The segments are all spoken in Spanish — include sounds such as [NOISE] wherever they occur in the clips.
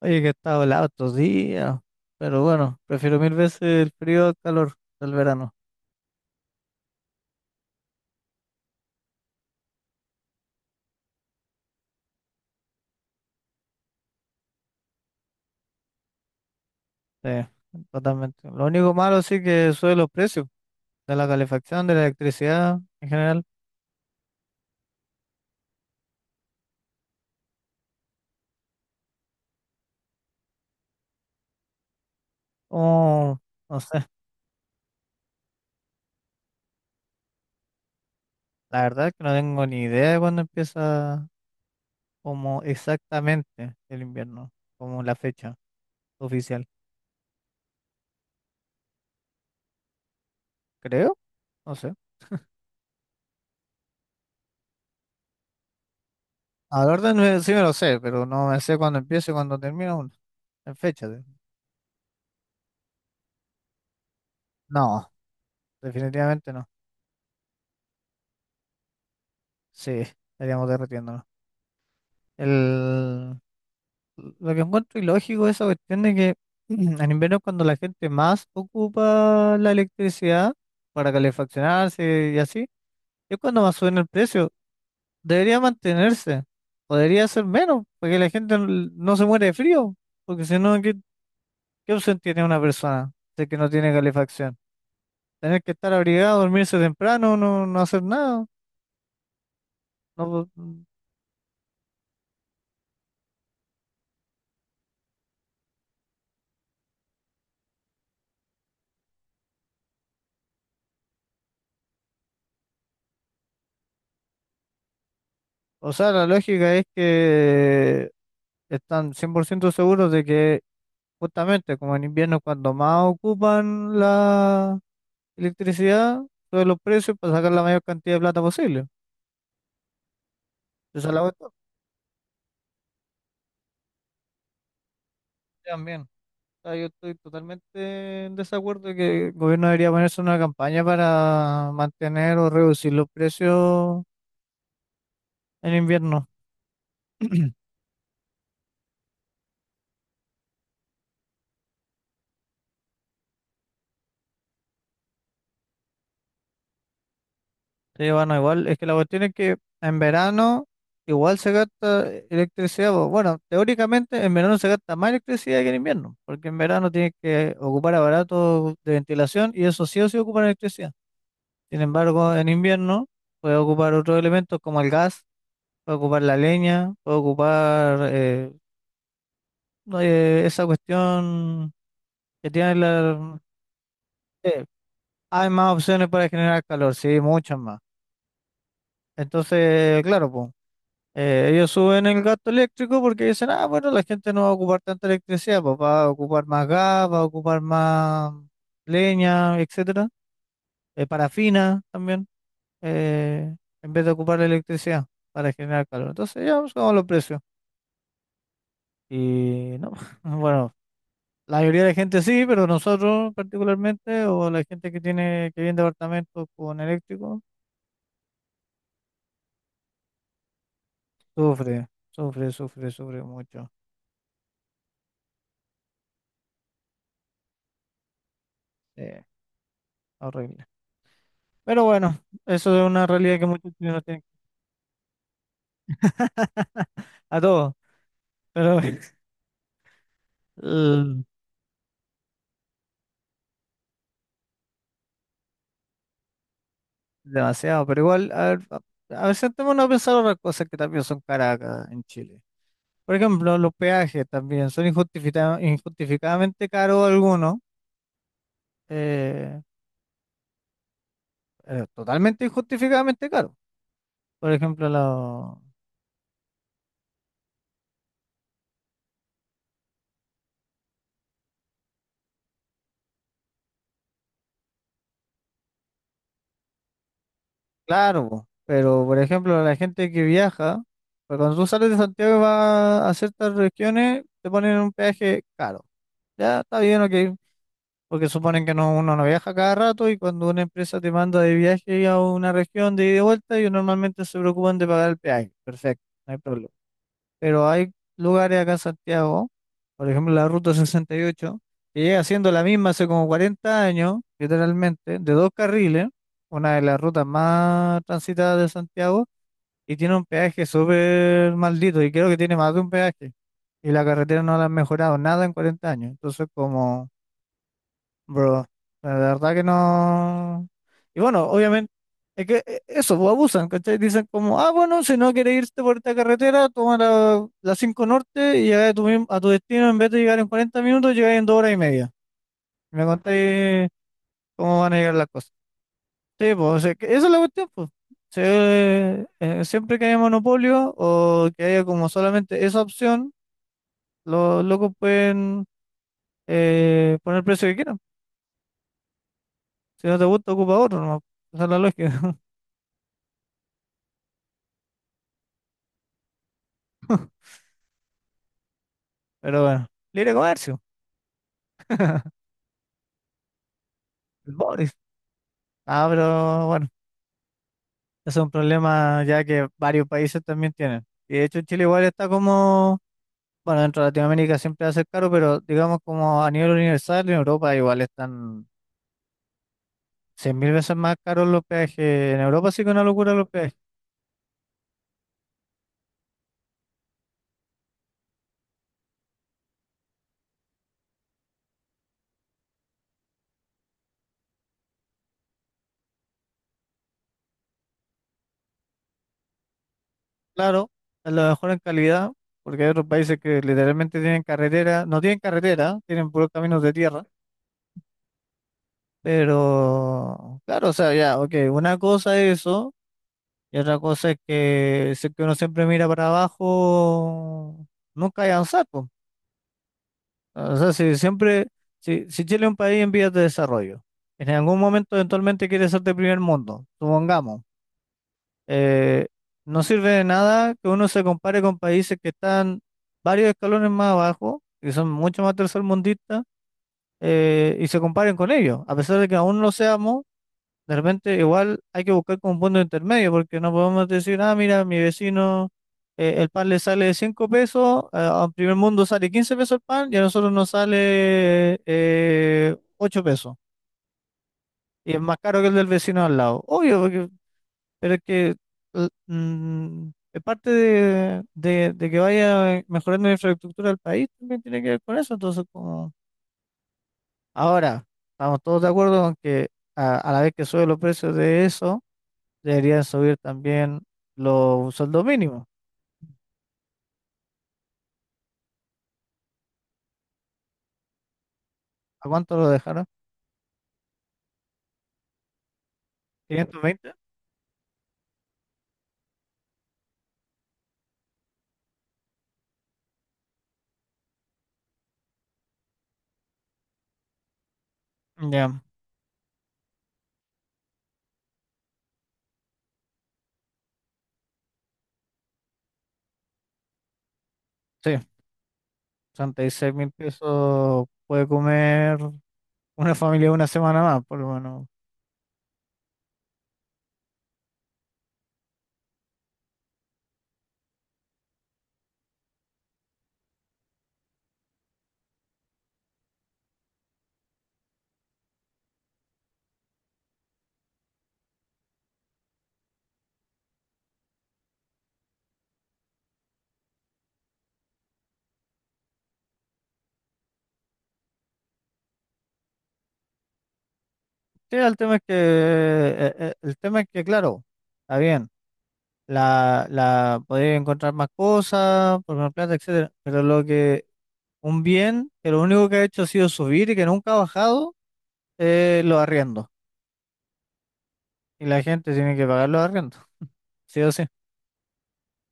Oye, que ha helado estos días, pero bueno, prefiero 1000 veces el frío al calor del verano. Sí, totalmente. Lo único malo, sí que suben los precios de la calefacción, de la electricidad en general. Oh, no sé, la verdad es que no tengo ni idea de cuándo empieza como exactamente el invierno, como la fecha oficial. Creo, no sé. A la orden sí me lo sé, pero no me sé cuándo empieza y cuándo termina uno. En fecha. No, definitivamente no. Sí, estaríamos derretiendo. El, lo que encuentro ilógico es esa cuestión de que [CLEARS THROAT] en invierno es cuando la gente más ocupa la electricidad para calefaccionarse y así, es cuando más suben el precio. Debería mantenerse, podría ser menos, porque la gente no se muere de frío, porque si no, ¿qué, qué opción tiene una persona de que no tiene calefacción? Tener que estar abrigado, dormirse temprano, no hacer nada. No, o sea, la lógica es que están 100% seguros de que, justamente, como en invierno, cuando más ocupan la electricidad, suben los precios para sacar la mayor cantidad de plata posible. Esa es la cuestión. También. O sea, yo estoy totalmente en desacuerdo de que el gobierno debería ponerse una campaña para mantener o reducir los precios en invierno. [CLEARS THROAT] Sí, bueno, igual, es que la cuestión es que en verano igual se gasta electricidad. Bueno, teóricamente en verano se gasta más electricidad que en invierno, porque en verano tienes que ocupar aparatos de ventilación y eso sí o sí ocupa electricidad. Sin embargo, en invierno puede ocupar otros elementos como el gas, puede ocupar la leña, puede ocupar no, esa cuestión que tiene la... eh, hay más opciones para generar calor, sí, muchas más. Entonces, claro, pues. Ellos suben el gasto eléctrico porque dicen, ah, bueno, la gente no va a ocupar tanta electricidad, pues va a ocupar más gas, va a ocupar más leña, etcétera, parafina también, eh, en vez de ocupar la electricidad para generar calor. Entonces ya buscamos los precios. Y no, [LAUGHS] bueno, la mayoría de la gente sí, pero nosotros particularmente, o la gente que tiene, que vive en departamentos con eléctrico, sufre, sufre, sufre, sufre mucho. Eh, horrible. Pero bueno, eso es una realidad que muchos chilenos tienen. [LAUGHS] A todos, pero [LAUGHS] el- demasiado. Pero igual, a ver, a ver, sentémonos a pensar otras cosas que también son caras acá en Chile. Por ejemplo, los peajes también son injustificadamente caros algunos, eh, totalmente injustificadamente caros. Por ejemplo, los... Claro, po, pero por ejemplo, la gente que viaja, pues cuando tú sales de Santiago y vas a ciertas regiones, te ponen un peaje caro. Ya está bien, ok, porque suponen que no, uno no viaja cada rato, y cuando una empresa te manda de viaje a una región de ida y de vuelta, ellos normalmente se preocupan de pagar el peaje. Perfecto, no hay problema. Pero hay lugares acá en Santiago, por ejemplo la Ruta 68, que llega siendo la misma hace como 40 años, literalmente, de dos carriles, una de las rutas más transitadas de Santiago, y tiene un peaje súper maldito, y creo que tiene más de un peaje. Y la carretera no la han mejorado nada en 40 años. Entonces, como bro, la verdad que no. Y bueno, obviamente, es que eso, pues, abusan, ¿cachai? Dicen como, ah, bueno, si no quieres irte por esta carretera, toma la 5 Norte y llegas a tu, a tu destino, en vez de llegar en 40 minutos, llegas en 2 horas y media. Y me contáis cómo van a llegar las cosas. Sí, pues, o sea, que esa es la cuestión, pues. Sí, siempre que haya monopolio o que haya como solamente esa opción, los locos pueden poner el precio que quieran. Si no te gusta, ocupa otro, ¿no? Esa es la lógica. [LAUGHS] Pero bueno, libre comercio, el Boris. Ah, pero bueno, ese es un problema ya que varios países también tienen. Y de hecho Chile igual está como, bueno, dentro de Latinoamérica siempre va a ser caro, pero digamos como a nivel universal en Europa igual están 100 mil veces más caros los peajes. En Europa sí que es una locura los peajes. Claro, a lo mejor en calidad, porque hay otros países que literalmente tienen carretera, no tienen carretera, tienen puros caminos de tierra. Pero, claro, o sea, ya, ok, una cosa es eso, y otra cosa es que si es que uno siempre mira para abajo, nunca hay avanzar, po. O sea, si siempre, si Chile es un país en vías de desarrollo, en algún momento eventualmente quiere ser de primer mundo, supongamos, eh, no sirve de nada que uno se compare con países que están varios escalones más abajo, que son mucho más tercermundistas, y se comparen con ellos, a pesar de que aún no seamos. De repente, igual hay que buscar como un punto intermedio, porque no podemos decir, ah, mira, mi vecino, el pan le sale 5 pesos, a primer mundo sale 15 pesos el pan, y a nosotros nos sale 8 pesos. Y es más caro que el del vecino al lado. Obvio, porque, pero es que es parte de que vaya mejorando la infraestructura del país, también tiene que ver con eso. Entonces, como ahora, estamos todos de acuerdo con que a la vez que suben los precios de eso, deberían subir también los sueldos mínimos. ¿A cuánto lo dejaron? ¿520? Ya, sí, 66.000 pesos puede comer una familia una semana más, por lo menos. Sí, el tema es que, el tema es que, claro, está bien, la podría encontrar más cosas, por más plata, etcétera, pero lo que, un bien que lo único que ha hecho ha sido subir y que nunca ha bajado, los arriendos. Y la gente tiene que pagar los arriendos, sí o sí.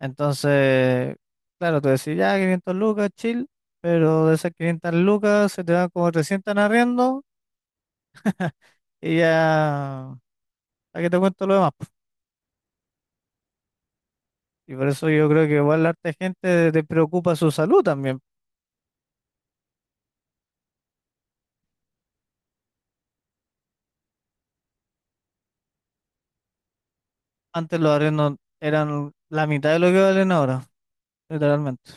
Entonces, claro, tú decís, ya, 500 lucas, chill, pero de esas 500 lucas se te dan como 300 en arriendo y ya, ¿para qué te cuento lo demás, po? Y por eso yo creo que igual la harta gente te preocupa su salud también. Antes los arriendos eran la mitad de lo que valen ahora, literalmente.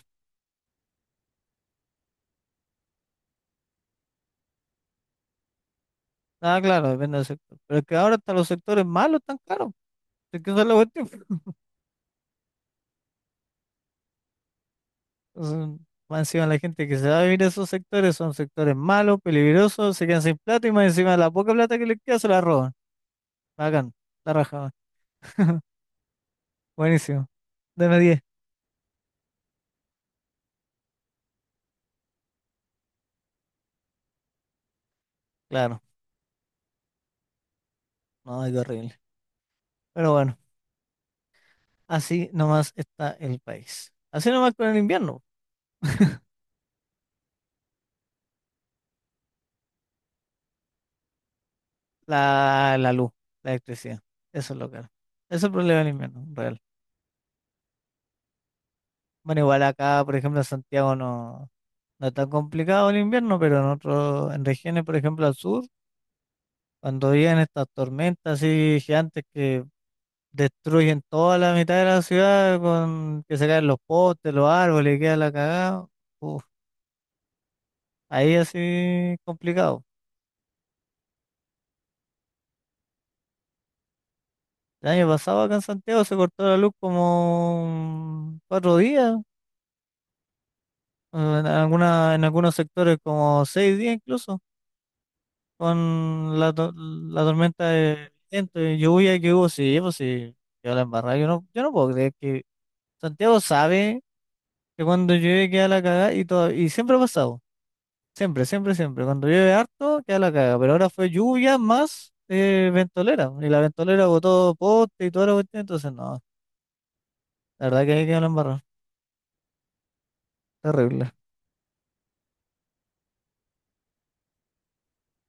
Ah, claro, depende del sector. Pero es que ahora hasta los sectores malos están caros. Es que eso es la cuestión. Entonces, más encima la gente que se va a vivir a esos sectores son sectores malos, peligrosos, se quedan sin plata y más encima la poca plata que les queda se la roban. Bacán, la raja, weón. [LAUGHS] Buenísimo. Deme 10, claro. No, qué horrible. Pero bueno, así nomás está el país. Así nomás con el invierno. [LAUGHS] La luz, la electricidad. Eso es lo que, eso es el problema del invierno, real. Bueno, igual acá, por ejemplo, en Santiago no, no es tan complicado el invierno, pero en otros, en regiones, por ejemplo, al sur, cuando vienen estas tormentas así gigantes que destruyen toda la mitad de la ciudad, con que se caen los postes, los árboles, y queda la cagada. Ahí así complicado. El año pasado acá en Santiago se cortó la luz como 4 días, en alguna, en algunos sectores como 6 días incluso, con la, la tormenta de viento y lluvia que hubo, sí, pues sí, quedó la embarrada. Yo no puedo creer que Santiago sabe que cuando llueve queda la cagada y todo, y siempre ha pasado, siempre, siempre, siempre. Cuando llueve harto queda la cagada, pero ahora fue lluvia más ventolera, y la ventolera botó poste y toda la cuestión, entonces no. La verdad que ahí quedó la embarrada. Terrible.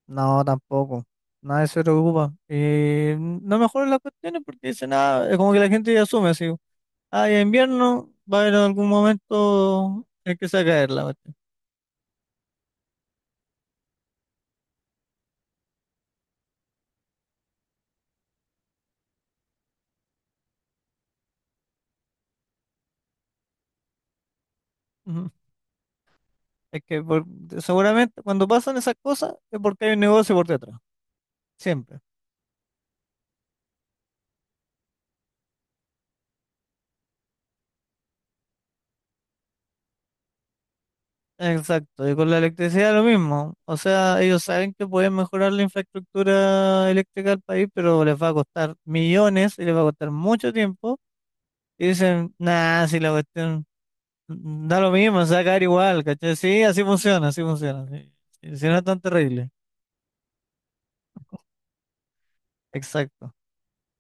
No, tampoco. Nadie se preocupa. Y no mejoran las cuestiones porque dice nada. Es como que la gente ya asume así. Ah, ya invierno va a haber algún momento en que se va a caer la cuestión. Ujú. Es que seguramente cuando pasan esas cosas es porque hay un negocio por detrás. Siempre. Exacto. Y con la electricidad lo mismo. O sea, ellos saben que pueden mejorar la infraestructura eléctrica del país, pero les va a costar millones y les va a costar mucho tiempo. Y dicen, nah, si la cuestión, mm, da lo mismo, se va a caer igual, ¿cachai? Sí, así funciona, así funciona. Sí, sí, sí, no es tan terrible. Exacto.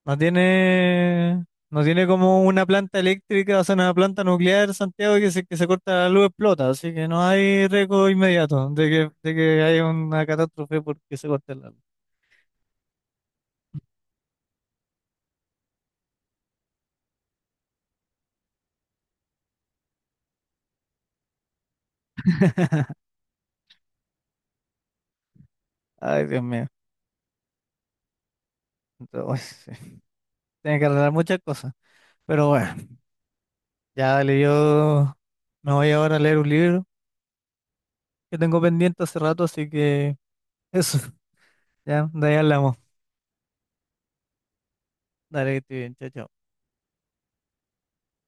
No tiene, no tiene como una planta eléctrica, o sea, una planta nuclear, Santiago, que se corta la luz explota, así que no hay riesgo inmediato de que haya una catástrofe porque se corte la luz. [LAUGHS] Ay, Dios mío. Entonces, uy, sí. Tiene que arreglar muchas cosas. Pero bueno, ya dale, yo me voy ahora a leer un libro que tengo pendiente hace rato, así que eso, [LAUGHS] ya, de ahí hablamos. Dale, que estés bien, chao, chao.